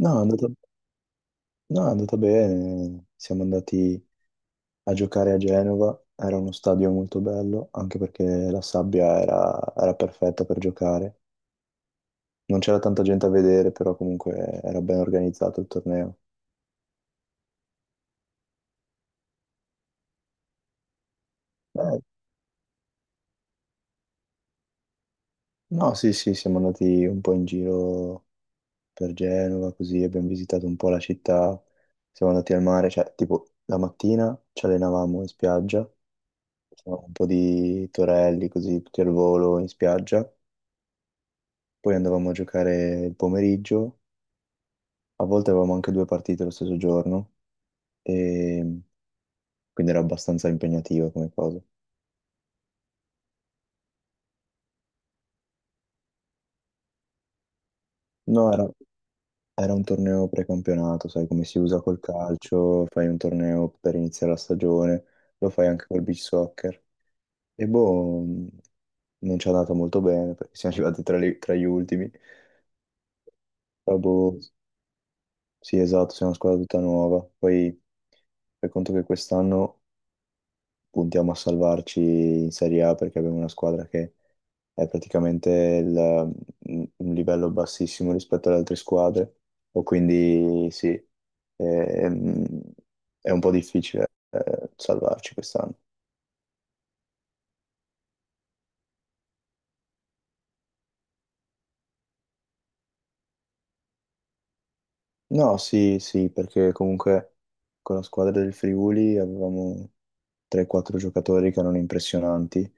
No, è andata, no, è andata bene. Siamo andati a giocare a Genova, era uno stadio molto bello, anche perché la sabbia era perfetta per giocare. Non c'era tanta gente a vedere, però comunque era ben organizzato il torneo. Eh, no, sì, sì, siamo andati un po' in giro per Genova, così abbiamo visitato un po' la città, siamo andati al mare, cioè tipo la mattina ci allenavamo in spiaggia, facevamo un po' di torelli così tutti al volo in spiaggia. Poi andavamo a giocare il pomeriggio, a volte avevamo anche due partite lo stesso giorno, e quindi era abbastanza impegnativa come cosa. No, era un torneo precampionato, sai come si usa col calcio, fai un torneo per iniziare la stagione, lo fai anche col beach soccer. E boh, non ci è andato molto bene perché siamo arrivati tra gli ultimi. Però boh, sì, esatto, siamo una squadra tutta nuova. Poi fai conto che quest'anno puntiamo a salvarci in Serie A perché abbiamo una squadra che è praticamente il- un livello bassissimo rispetto alle altre squadre, o quindi sì, ehm, è un po' difficile salvarci quest'anno. No, sì, sì, perché comunque con la squadra del Friuli avevamo 3-4 giocatori che erano impressionanti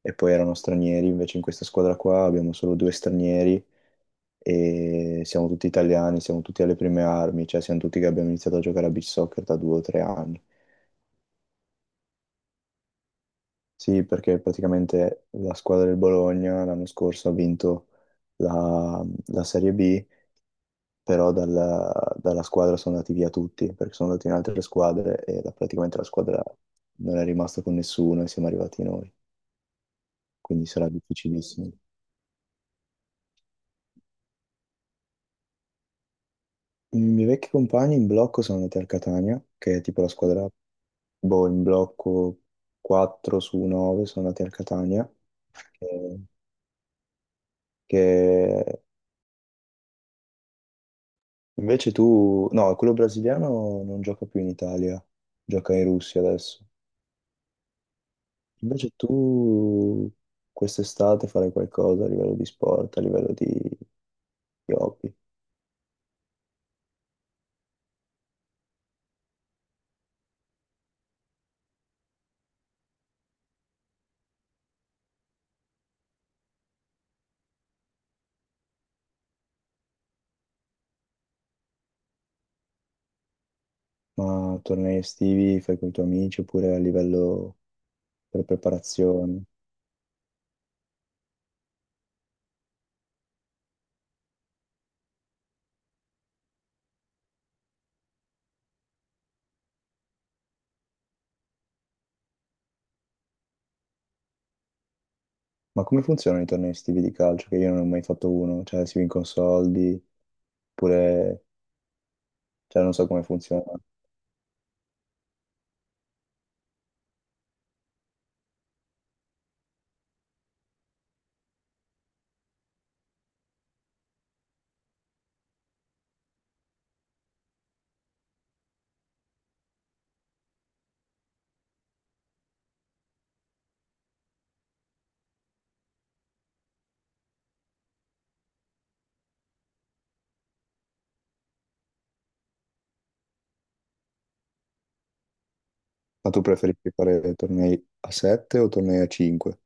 e poi erano stranieri, invece in questa squadra qua abbiamo solo due stranieri e siamo tutti italiani, siamo tutti alle prime armi, cioè siamo tutti che abbiamo iniziato a giocare a beach soccer da 2 o 3 anni. Sì, perché praticamente la squadra del Bologna l'anno scorso ha vinto la, la Serie B, però dalla squadra sono andati via tutti, perché sono andati in altre squadre e praticamente la squadra non è rimasta con nessuno e siamo arrivati noi, quindi sarà difficilissimo. I miei vecchi compagni in blocco sono andati al Catania, che è tipo la squadra boh, in blocco 4 su 9 sono andati al Catania, che, che no, quello brasiliano non gioca più in Italia, gioca in Russia adesso. Invece tu quest'estate farai qualcosa a livello di sport, a livello di hobby, ma tornei estivi fai con i tuoi amici oppure a livello per preparazione. Ma come funzionano i tornei estivi di calcio? Che io non ho mai fatto uno, cioè si vincono soldi, oppure cioè, non so come funziona. Ma tu preferisci fare tornei a 7 o tornei a 5?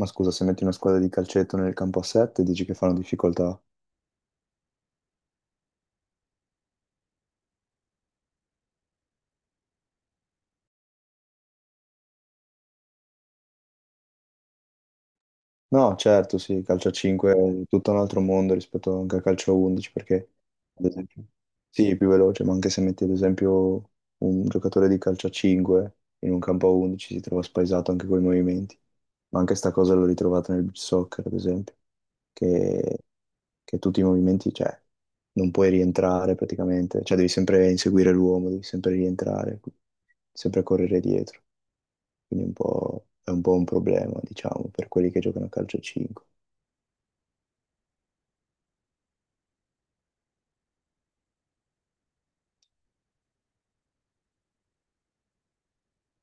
Ma scusa, se metti una squadra di calcetto nel campo a 7, dici che fanno difficoltà? No, certo, sì, calcio a 5 è tutto un altro mondo rispetto anche a calcio a 11 perché, ad esempio, sì, è più veloce, ma anche se metti ad esempio un giocatore di calcio a 5 in un campo a 11 si trova spaesato anche con i movimenti. Ma anche sta cosa l'ho ritrovata nel beach soccer, ad esempio, che, che tutti i movimenti, cioè, non puoi rientrare praticamente, cioè devi sempre inseguire l'uomo, devi sempre rientrare, sempre correre dietro quindi è un po' un problema, diciamo, per quelli che giocano a calcio 5.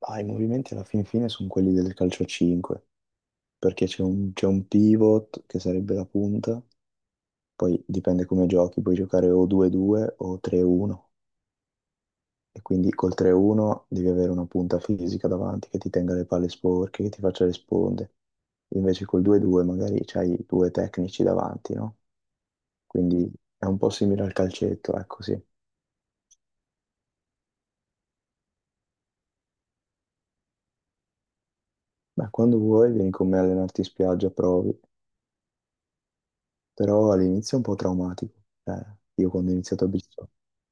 Ah, i movimenti alla fin fine sono quelli del calcio 5, perché c'è un pivot che sarebbe la punta, poi dipende come giochi, puoi giocare o 2-2 o 3-1, e quindi col 3-1 devi avere una punta fisica davanti che ti tenga le palle sporche, che ti faccia le sponde. Invece col 2-2 magari c'hai due tecnici davanti, no? Quindi è un po' simile al calcetto, ecco sì. Beh, quando vuoi vieni con me a allenarti in spiaggia, provi. Però all'inizio è un po' traumatico. Cioè, io quando ho iniziato a beach soccer,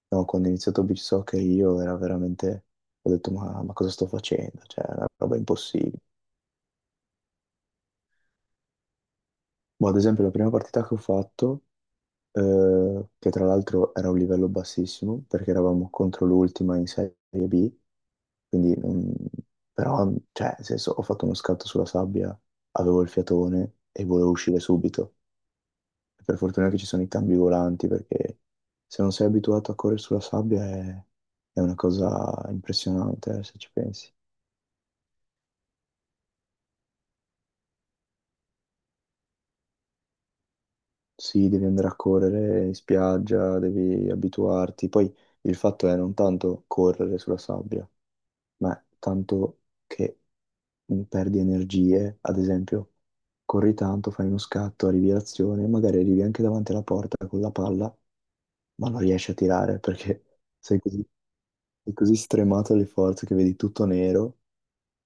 no, quando ho iniziato a beach soccer io era veramente, ho detto ma cosa sto facendo? Cioè, è una roba impossibile. Boh, ad esempio la prima partita che ho fatto, che tra l'altro era un livello bassissimo, perché eravamo contro l'ultima in Serie B, quindi però, cioè, nel senso, ho fatto uno scatto sulla sabbia, avevo il fiatone e volevo uscire subito. Per fortuna che ci sono i cambi volanti perché se non sei abituato a correre sulla sabbia è una cosa impressionante, se ci pensi. Sì, devi andare a correre in spiaggia, devi abituarti. Poi il fatto è non tanto correre sulla sabbia, ma tanto che perdi energie, ad esempio, corri tanto, fai uno scatto, arrivi all'azione, magari arrivi anche davanti alla porta con la palla, ma non riesci a tirare perché sei così. È così stremato le forze che vedi tutto nero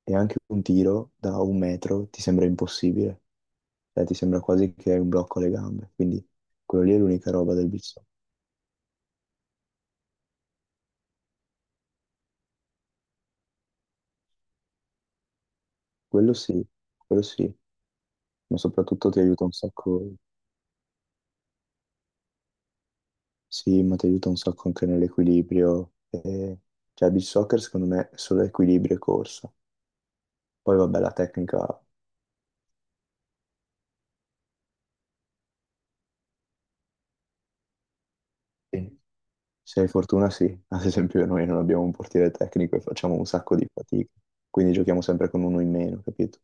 e anche un tiro da un metro ti sembra impossibile. Cioè, ti sembra quasi che hai un blocco alle gambe. Quindi quello lì è l'unica roba del bici. Quello sì, quello sì, ma soprattutto ti aiuta un sacco. Sì, ma ti aiuta un sacco anche nell'equilibrio. E cioè, beach soccer secondo me è solo equilibrio e corsa. Poi vabbè, la tecnica sì. Se hai fortuna sì, ad esempio noi non abbiamo un portiere tecnico e facciamo un sacco di fatica, quindi giochiamo sempre con uno in meno, capito?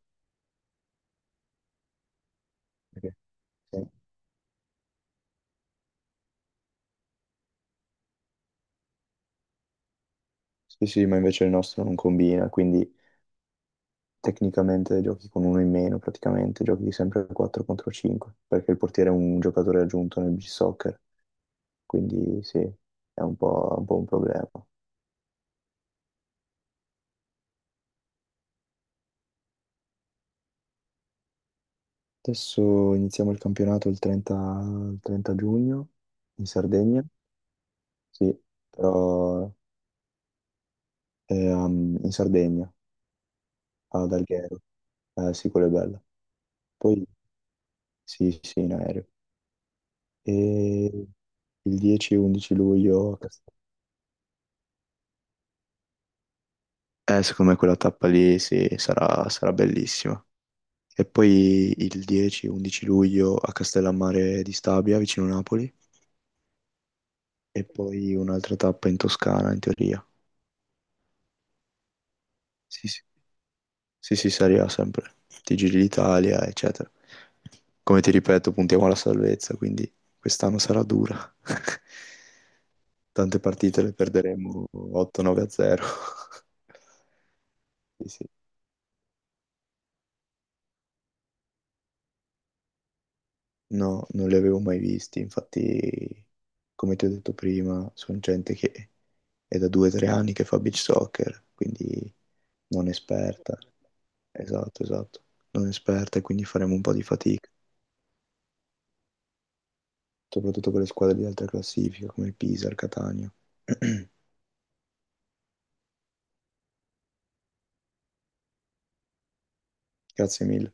Perché- Sì, sì, sì, ma invece il nostro non combina, quindi tecnicamente giochi con uno in meno, praticamente giochi sempre 4 contro 5, perché il portiere è un giocatore aggiunto nel soccer, quindi sì, è un po' un problema. Adesso iniziamo il campionato il 30, il 30 giugno in Sardegna, sì, però in Sardegna. Ah, ad Alghero. Sì, quello è bello. Poi, sì, sì, in aereo. E il 10 e 11 luglio. Secondo me quella tappa lì, sì, sarà bellissima. E poi il 10 e 11 luglio a Castellammare di Stabia, vicino Napoli. E poi un'altra tappa in Toscana, in teoria. Sì, sì. Sì, sì, sarà sempre. Ti giri l'Italia, eccetera. Come ti ripeto, puntiamo alla salvezza, quindi quest'anno sarà dura. Tante partite le perderemo 8-9 a 0. Sì, sì. No, non li avevo mai visti, infatti, come ti ho detto prima, sono gente che è da 2-3 anni che fa beach soccer, quindi non esperta. Esatto, esatto. Non esperta e quindi faremo un po' di fatica, soprattutto per le squadre di alta classifica come il Pisa, il Catania. Grazie mille.